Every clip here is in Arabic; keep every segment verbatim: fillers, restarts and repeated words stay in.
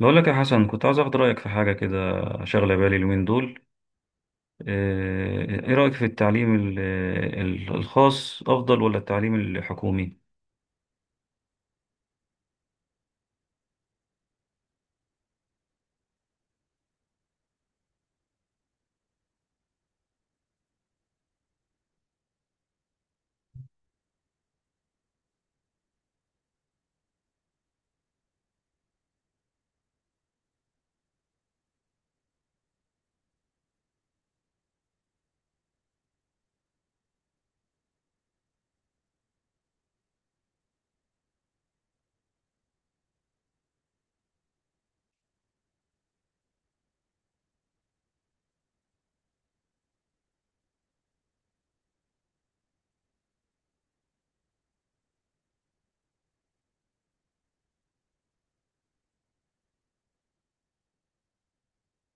بقول لك يا حسن، كنت عايز اخد رايك في حاجه كده. شغله بالي اليومين دول. آه، ايه رايك في التعليم ال- ال- الخاص افضل ولا التعليم الحكومي؟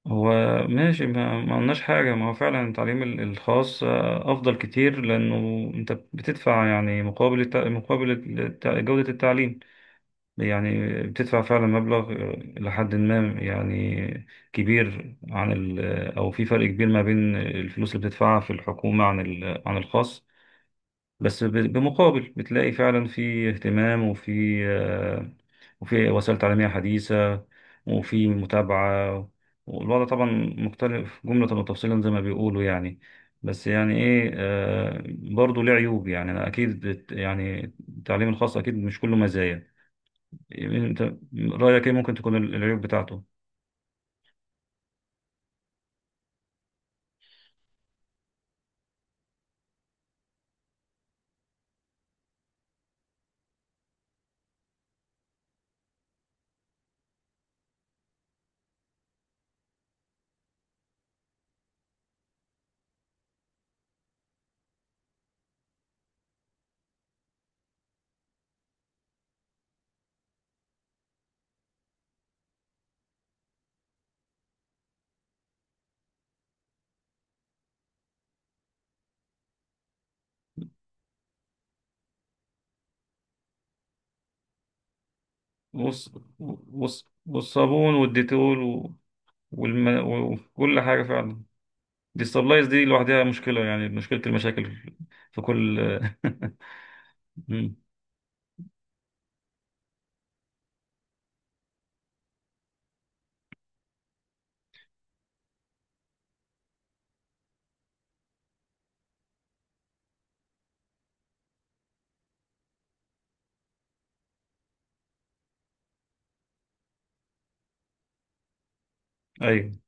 هو، ماشي، ما ما قلناش حاجه، ما هو فعلا التعليم ال- الخاص آه، افضل كتير لانه انت بتدفع، يعني مقابل الت- مقابل الت- جوده التعليم. يعني بتدفع فعلا مبلغ، آه، لحد ما، يعني كبير عن ال- او في فرق كبير ما بين الفلوس اللي بتدفعها في الحكومه عن ال- عن الخاص. بس ب- بمقابل بتلاقي فعلا في اهتمام، وفي آه، وفي وسائل تعليمية حديثة، وفي متابعة. والوضع طبعا مختلف جملة وتفصيلا، زي ما بيقولوا يعني. بس يعني ايه، آه، برضه ليه عيوب. يعني أنا اكيد بت- يعني التعليم الخاص اكيد مش كله مزايا. انت، رأيك ايه ممكن تكون العيوب بتاعته؟ والص- والص- والصابون والديتول و- والم... وكل حاجة فعلا. ديستابلايز دي لوحدها مشكلة، يعني مشكلة المشاكل في كل مم. أيوة.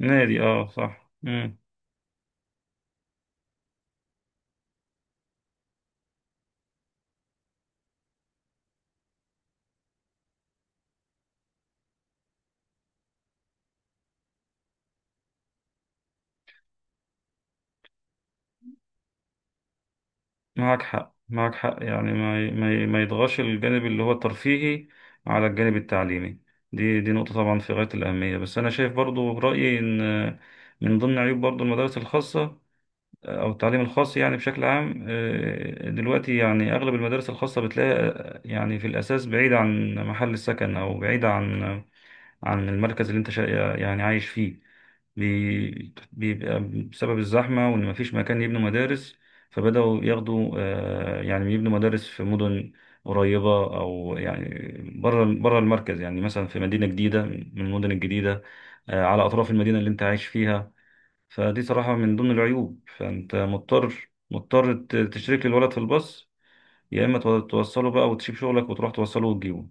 نادي، أه، صح. مم. معك حق، معك حق، يعني ما ي- ما ي- ما يضغطش الجانب اللي هو الترفيهي على الجانب التعليمي. دي دي نقطة طبعا في غاية الأهمية. بس أنا شايف برضو رأيي إن من ضمن عيوب برضو المدارس الخاصة آه، أو التعليم الخاص يعني بشكل عام، آه، دلوقتي يعني أغلب المدارس الخاصة بتلاقي، آه، يعني في الأساس بعيدة عن محل السكن، أو بعيدة عن عن المركز اللي انت شا... يعني عايش فيه. بي- بيبقى بسبب الزحمة، وإن مفيش مكان يبنوا مدارس، فبدأوا ياخدوا آه، يعني يبنوا مدارس في مدن قريبة، أو يعني بره بره المركز، يعني مثلا في مدينة جديدة، من المدن الجديدة، آه، على أطراف المدينة اللي أنت عايش فيها. فدي صراحة من ضمن العيوب، فأنت مضطر مضطر ت- تشترك للولد في الباص، يا إما تو- توصله بقى، وتسيب شغلك وتروح توصله وتجيبه.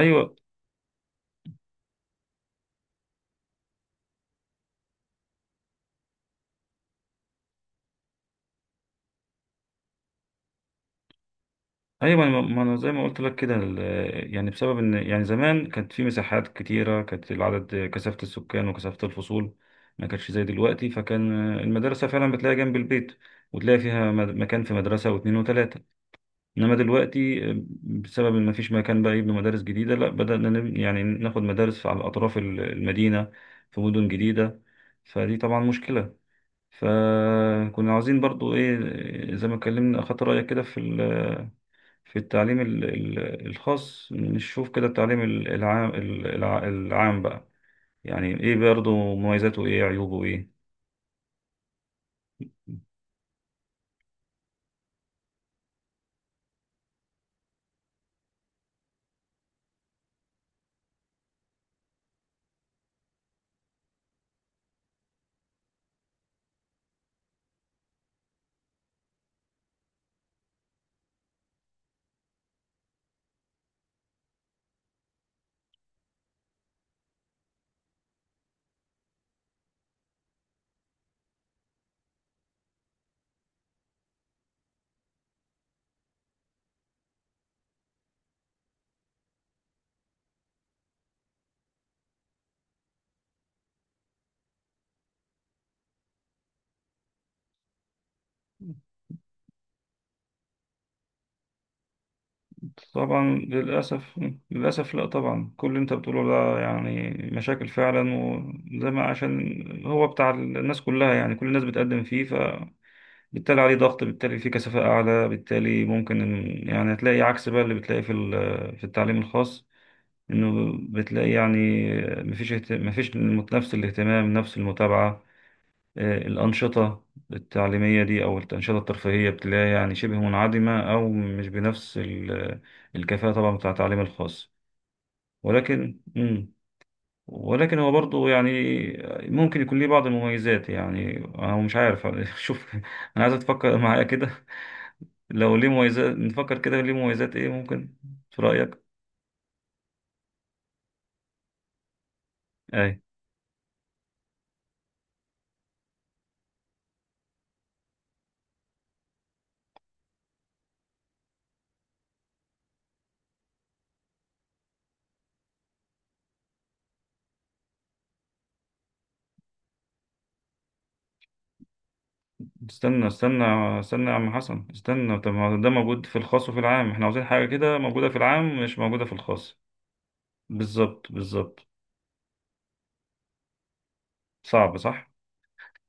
أيوه. ايوه، ما ما انا زي ما قلت لك كده ال- يعني بسبب ان، يعني زمان كانت في مساحات كتيره، كانت العدد، كثافه السكان وكثافه الفصول ما كانتش زي دلوقتي، فكان المدرسه فعلا بتلاقي جنب البيت، وتلاقي فيها مد- مكان في مدرسه واثنين وثلاثه. انما دلوقتي آه، بسبب ان ما فيش مكان بقى يبنوا مدارس جديده، لا بدانا نب- يعني ناخد مدارس على اطراف ال- المدينه، في مدن جديده، فدي طبعا مشكله. فكنا عاوزين برضو ايه، آه، زي ما اتكلمنا اخدت رايك كده في في التعليم ال- ال- الخاص نشوف كده التعليم ال- العام، ال- الع- العام بقى يعني ايه برضه، مميزاته ايه، عيوبه ايه. طبعا، للأسف. للأسف، لا طبعا كل اللي انت بتقوله ده يعني مشاكل فعلا، وزي ما عشان هو بتاع الناس كلها يعني، كل الناس بتقدم فيه، فبالتالي عليه ضغط، بالتالي فيه كثافة أعلى، بالتالي ممكن إن- يعني هتلاقي عكس بقى اللي بتلاقي في ال- في التعليم الخاص. انه بتلاقي، يعني مفيش اهت- مفيش المت- نفس الاهتمام، نفس المتابعة، آه، الأنشطة التعليمية دي، أو الأنشطة الترفيهية بتلاقيها يعني شبه منعدمة، أو مش بنفس ال- الكفاءة طبعا بتاع التعليم الخاص. ولكن مم. ولكن هو برضه، يعني ممكن يكون ليه بعض المميزات. يعني أنا مش عارف شوف، أنا عايز تفكر معايا كده. لو ليه مميزات، نفكر كده ليه مميزات إيه ممكن في رأيك؟ أي. استنى استنى، استنى يا عم حسن استنى. طب ما ده موجود في الخاص وفي العام، احنا عاوزين حاجة كده موجودة في العام، مش موجودة في الخاص. بالظبط، بالظبط. صعب، صح؟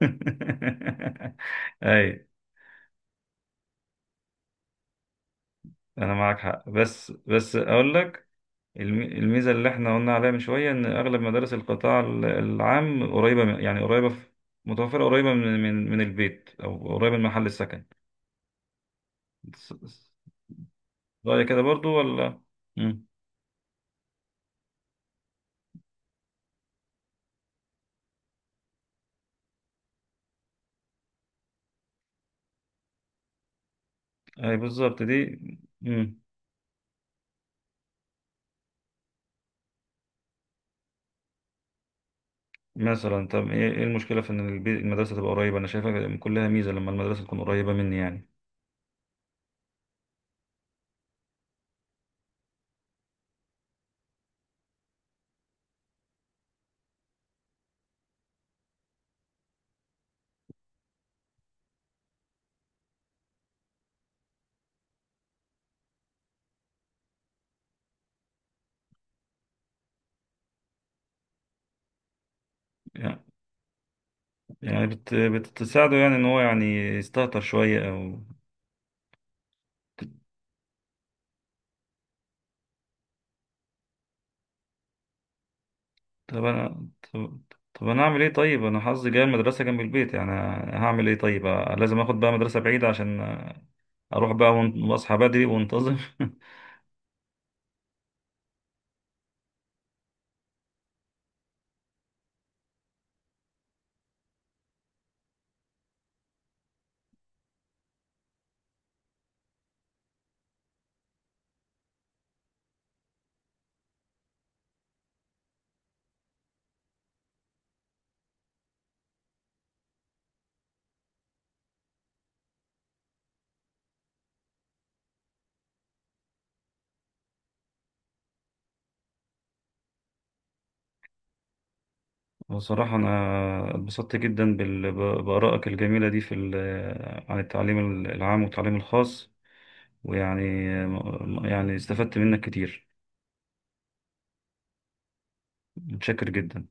اي، انا معاك حق. بس بس اقول لك، الم- الميزة اللي احنا قلنا عليها من شوية، ان اغلب مدارس القطاع ال- العام قريبة من- يعني قريبة في- متوفرة، قريبة من من من البيت، او قريبة من محل السكن. س- س- رأيك كده برضو ولا؟ مم. اي بالظبط دي. مم. مثلا، طب ايه، إيه المشكله في ان البي- المدرسه تبقى قريبه؟ انا شايفها كلها ميزه، لما المدرسه تكون قريبه مني يعني. يعني بت... بتساعده، يعني ان هو يعني يستهتر شويه، او طب انا طب, طب انا اعمل ايه؟ طيب انا حظي جاي المدرسه جنب البيت، يعني هعمل ايه طيب؟ لازم اخد بقى مدرسه بعيده عشان اروح بقى، ون- واصحى بدري وانتظم. بصراحه انا اتبسطت جدا بال... بارائك الجميله دي، في ال... عن التعليم العام والتعليم الخاص. ويعني، يعني استفدت منك كتير. متشكر جدا.